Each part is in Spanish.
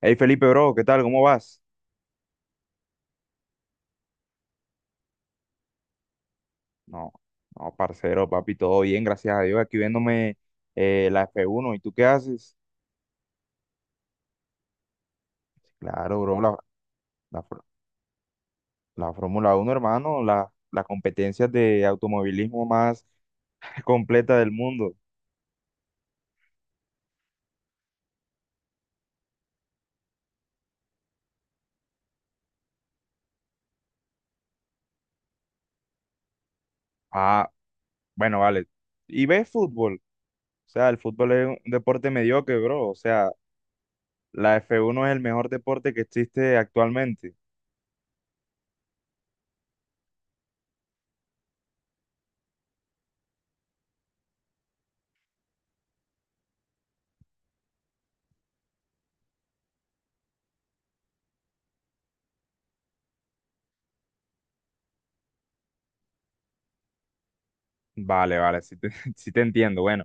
Hey Felipe, bro, ¿qué tal? ¿Cómo vas? No, no, parcero, papi, todo bien, gracias a Dios. Aquí viéndome la F1, ¿y tú qué haces? Claro, bro, la, fr- la Fórmula Uno hermano, la competencia de automovilismo más completa del mundo. Ah, bueno, vale. ¿Y ves fútbol? O sea, el fútbol es un deporte mediocre, bro. O sea, la F1 es el mejor deporte que existe actualmente. Vale, vale, sí te, sí te entiendo. Bueno,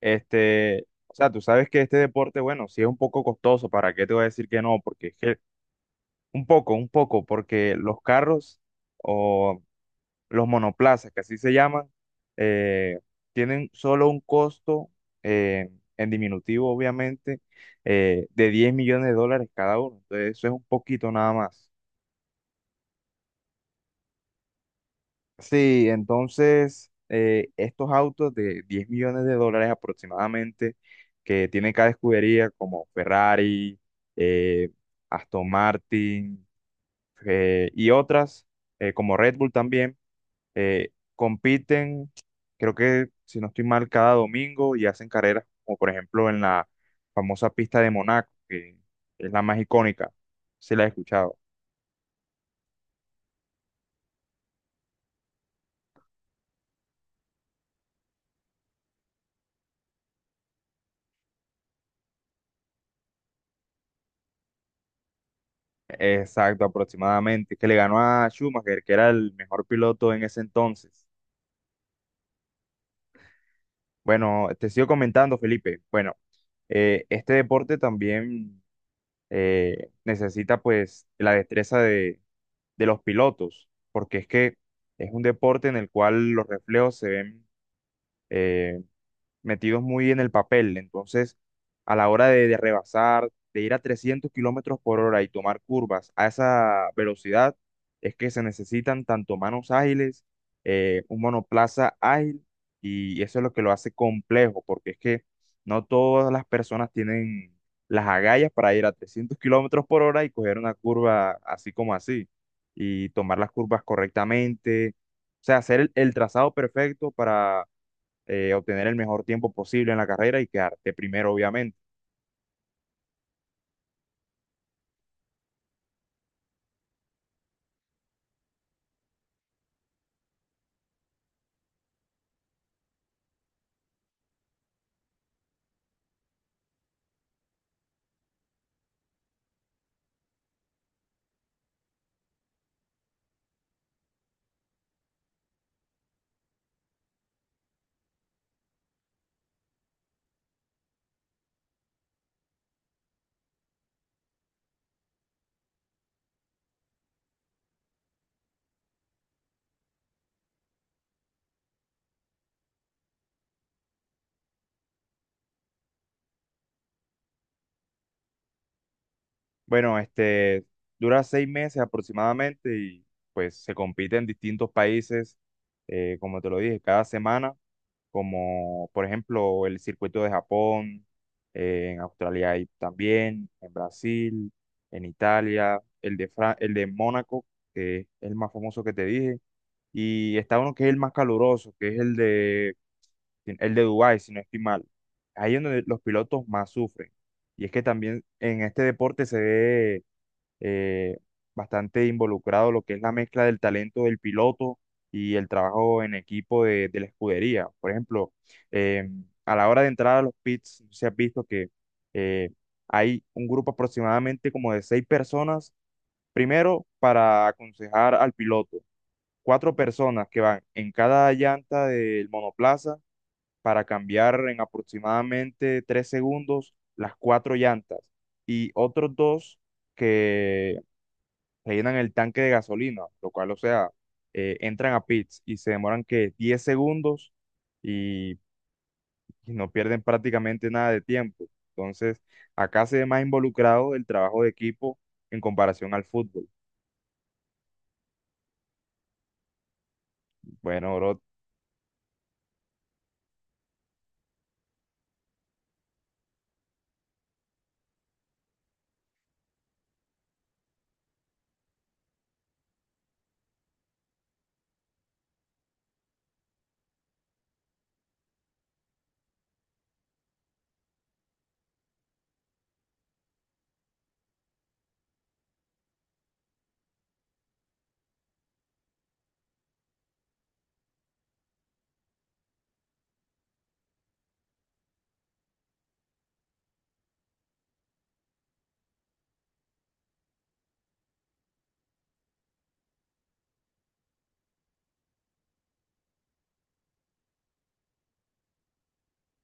este, o sea, tú sabes que este deporte, bueno, sí es un poco costoso, ¿para qué te voy a decir que no? Porque es que un poco, porque los carros o los monoplazas, que así se llaman, eh, tienen solo un costo eh, en diminutivo, obviamente, de 10 millones de dólares cada uno. Entonces, eso es un poquito nada más. Sí, entonces estos autos de 10 millones de dólares aproximadamente que tiene cada escudería como Ferrari, eh, Aston Martin y otras como Red Bull también eh, compiten, creo que si no estoy mal, cada domingo y hacen carreras como por ejemplo en la famosa pista de Monaco, que es la más icónica, se la he escuchado. Exacto, aproximadamente, que le ganó a Schumacher, que era el mejor piloto en ese entonces. Bueno, te sigo comentando, Felipe. Bueno, este deporte también necesita pues la destreza de los pilotos, porque es que es un deporte en el cual los reflejos se ven eh, metidos muy en el papel. Entonces, a la hora de rebasar, de ir a 300 kilómetros por hora y tomar curvas a esa velocidad, es que se necesitan tanto manos ágiles, un monoplaza ágil, y eso es lo que lo hace complejo, porque es que no todas las personas tienen las agallas para ir a 300 kilómetros por hora y coger una curva así como así, y tomar las curvas correctamente. O sea, hacer el trazado perfecto para obtener el mejor tiempo posible en la carrera y quedarte primero, obviamente. Bueno, este dura 6 meses aproximadamente y pues se compite en distintos países, como te lo dije, cada semana, como por ejemplo el circuito de Japón, en Australia hay también, en Brasil, en Italia, el de Mónaco, que es el más famoso que te dije. Y está uno que es el más caluroso, que es el de Dubái, si no estoy mal. Ahí es donde los pilotos más sufren. Y es que también en este deporte se ve eh, bastante involucrado lo que es la mezcla del talento del piloto y el trabajo en equipo de la escudería. Por ejemplo, eh, a la hora de entrar a los pits, se ha visto que eh, hay un grupo aproximadamente como de seis personas, primero para aconsejar al piloto, cuatro personas que van en cada llanta del monoplaza para cambiar en aproximadamente 3 segundos las cuatro llantas y otros dos que rellenan el tanque de gasolina, lo cual, o sea, entran a pits y se demoran que 10 segundos y, y no pierden prácticamente nada de tiempo. Entonces, acá se ve más involucrado el trabajo de equipo en comparación al fútbol. Bueno, bro,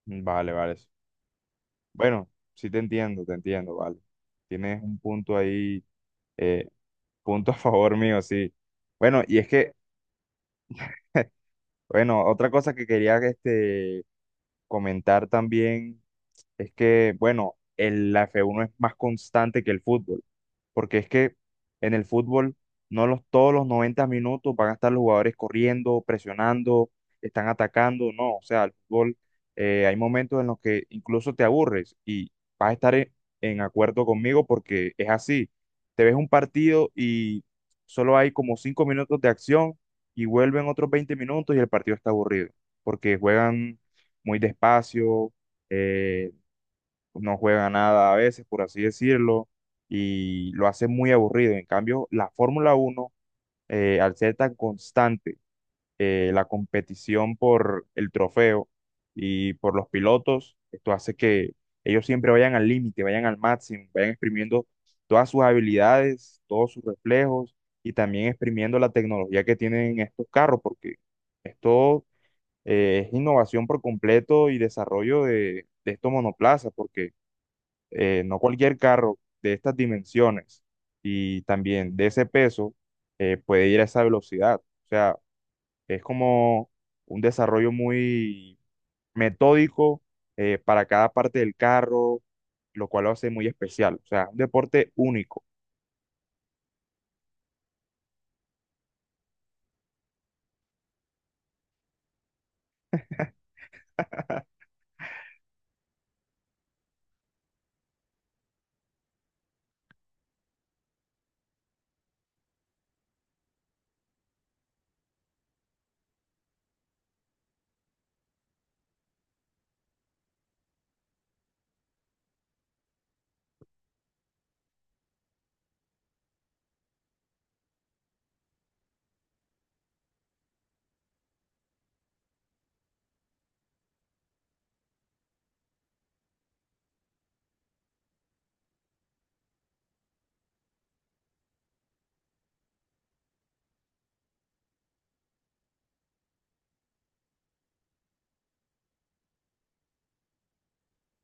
mm, vale, vale. Bueno, sí te entiendo, vale. Tienes un punto ahí eh, Punto a favor mío, sí. Bueno, y es que, bueno, otra cosa que quería este, comentar también es que, bueno, la F1 es más constante que el fútbol. Porque es que en el fútbol no los, todos los 90 minutos van a estar los jugadores corriendo, presionando, están atacando, no, o sea, el fútbol hay momentos en los que incluso te aburres y vas a estar en acuerdo conmigo porque es así, te ves un partido y solo hay como 5 minutos de acción y vuelven otros 20 minutos y el partido está aburrido, porque juegan muy despacio, eh, no juega nada a veces, por así decirlo, y lo hace muy aburrido. En cambio, la Fórmula Uno, al ser tan constante, la competición por el trofeo y por los pilotos, esto hace que ellos siempre vayan al límite, vayan al máximo, vayan exprimiendo todas sus habilidades, todos sus reflejos y también exprimiendo la tecnología que tienen estos carros, porque esto es innovación por completo y desarrollo de estos monoplazas, porque no cualquier carro de estas dimensiones y también de ese peso puede ir a esa velocidad. O sea, es como un desarrollo muy metódico para cada parte del carro, lo cual lo hace muy especial. O sea, un deporte único.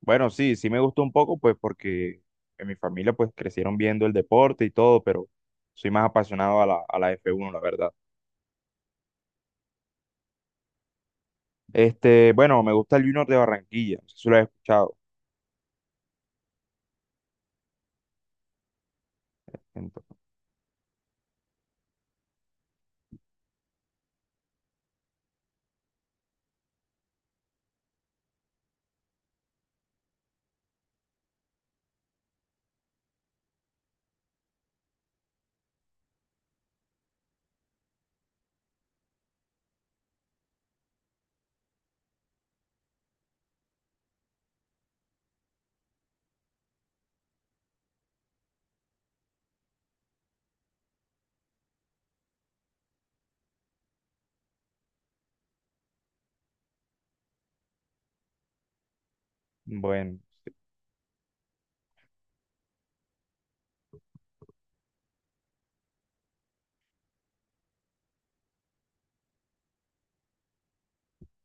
Bueno, sí, sí me gustó un poco, pues porque en mi familia pues crecieron viendo el deporte y todo, pero soy más apasionado a la F1 la verdad. Este, bueno, me gusta el Junior de Barranquilla, no sé si lo has escuchado. Ento- bueno.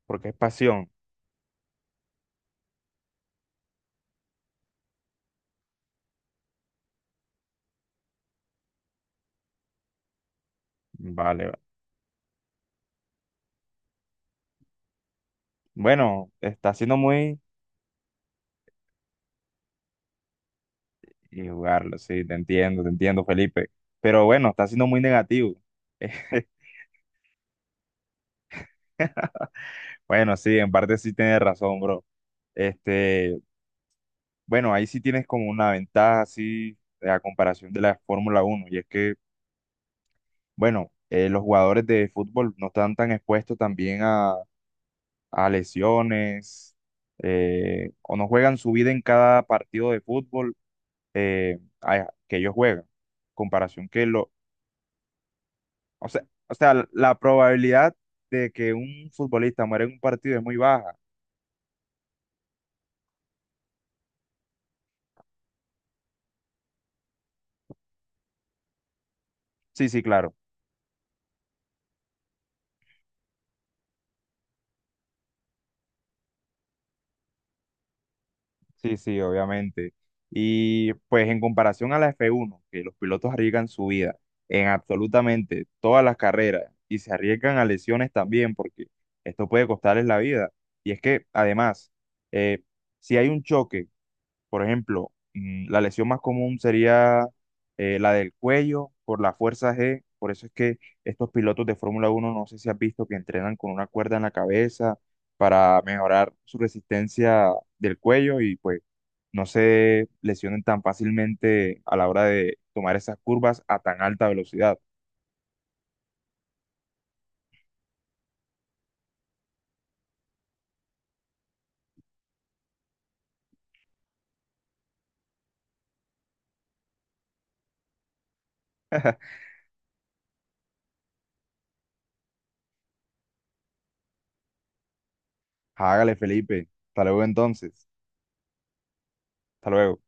Porque es pasión. Vale. Bueno, está siendo muy. Y jugarlo, sí, te entiendo, Felipe. Pero bueno, está siendo muy negativo. Bueno, sí, en parte sí tienes razón, bro. Este, bueno, ahí sí tienes como una ventaja así a comparación de la Fórmula Uno. Y es que, bueno, los jugadores de fútbol no están tan expuestos también a lesiones o no juegan su vida en cada partido de fútbol que ellos juegan. Comparación que lo, o sea, o sea, la probabilidad de que un futbolista muera en un partido es muy baja. Sí, sí, claro. Sí, sí, obviamente. Y pues en comparación a la F1 que los pilotos arriesgan su vida en absolutamente todas las carreras y se arriesgan a lesiones también, porque esto puede costarles la vida. Y es que además, eh, si hay un choque. Por ejemplo, la lesión más común sería la del cuello por la fuerza G. Por eso es que estos pilotos de Fórmula uno no sé si has visto que entrenan con una cuerda en la cabeza para mejorar su resistencia del cuello y pues no se lesionen tan fácilmente a la hora de tomar esas curvas a tan alta velocidad. Hágale, Felipe. Hasta luego entonces. Hasta luego.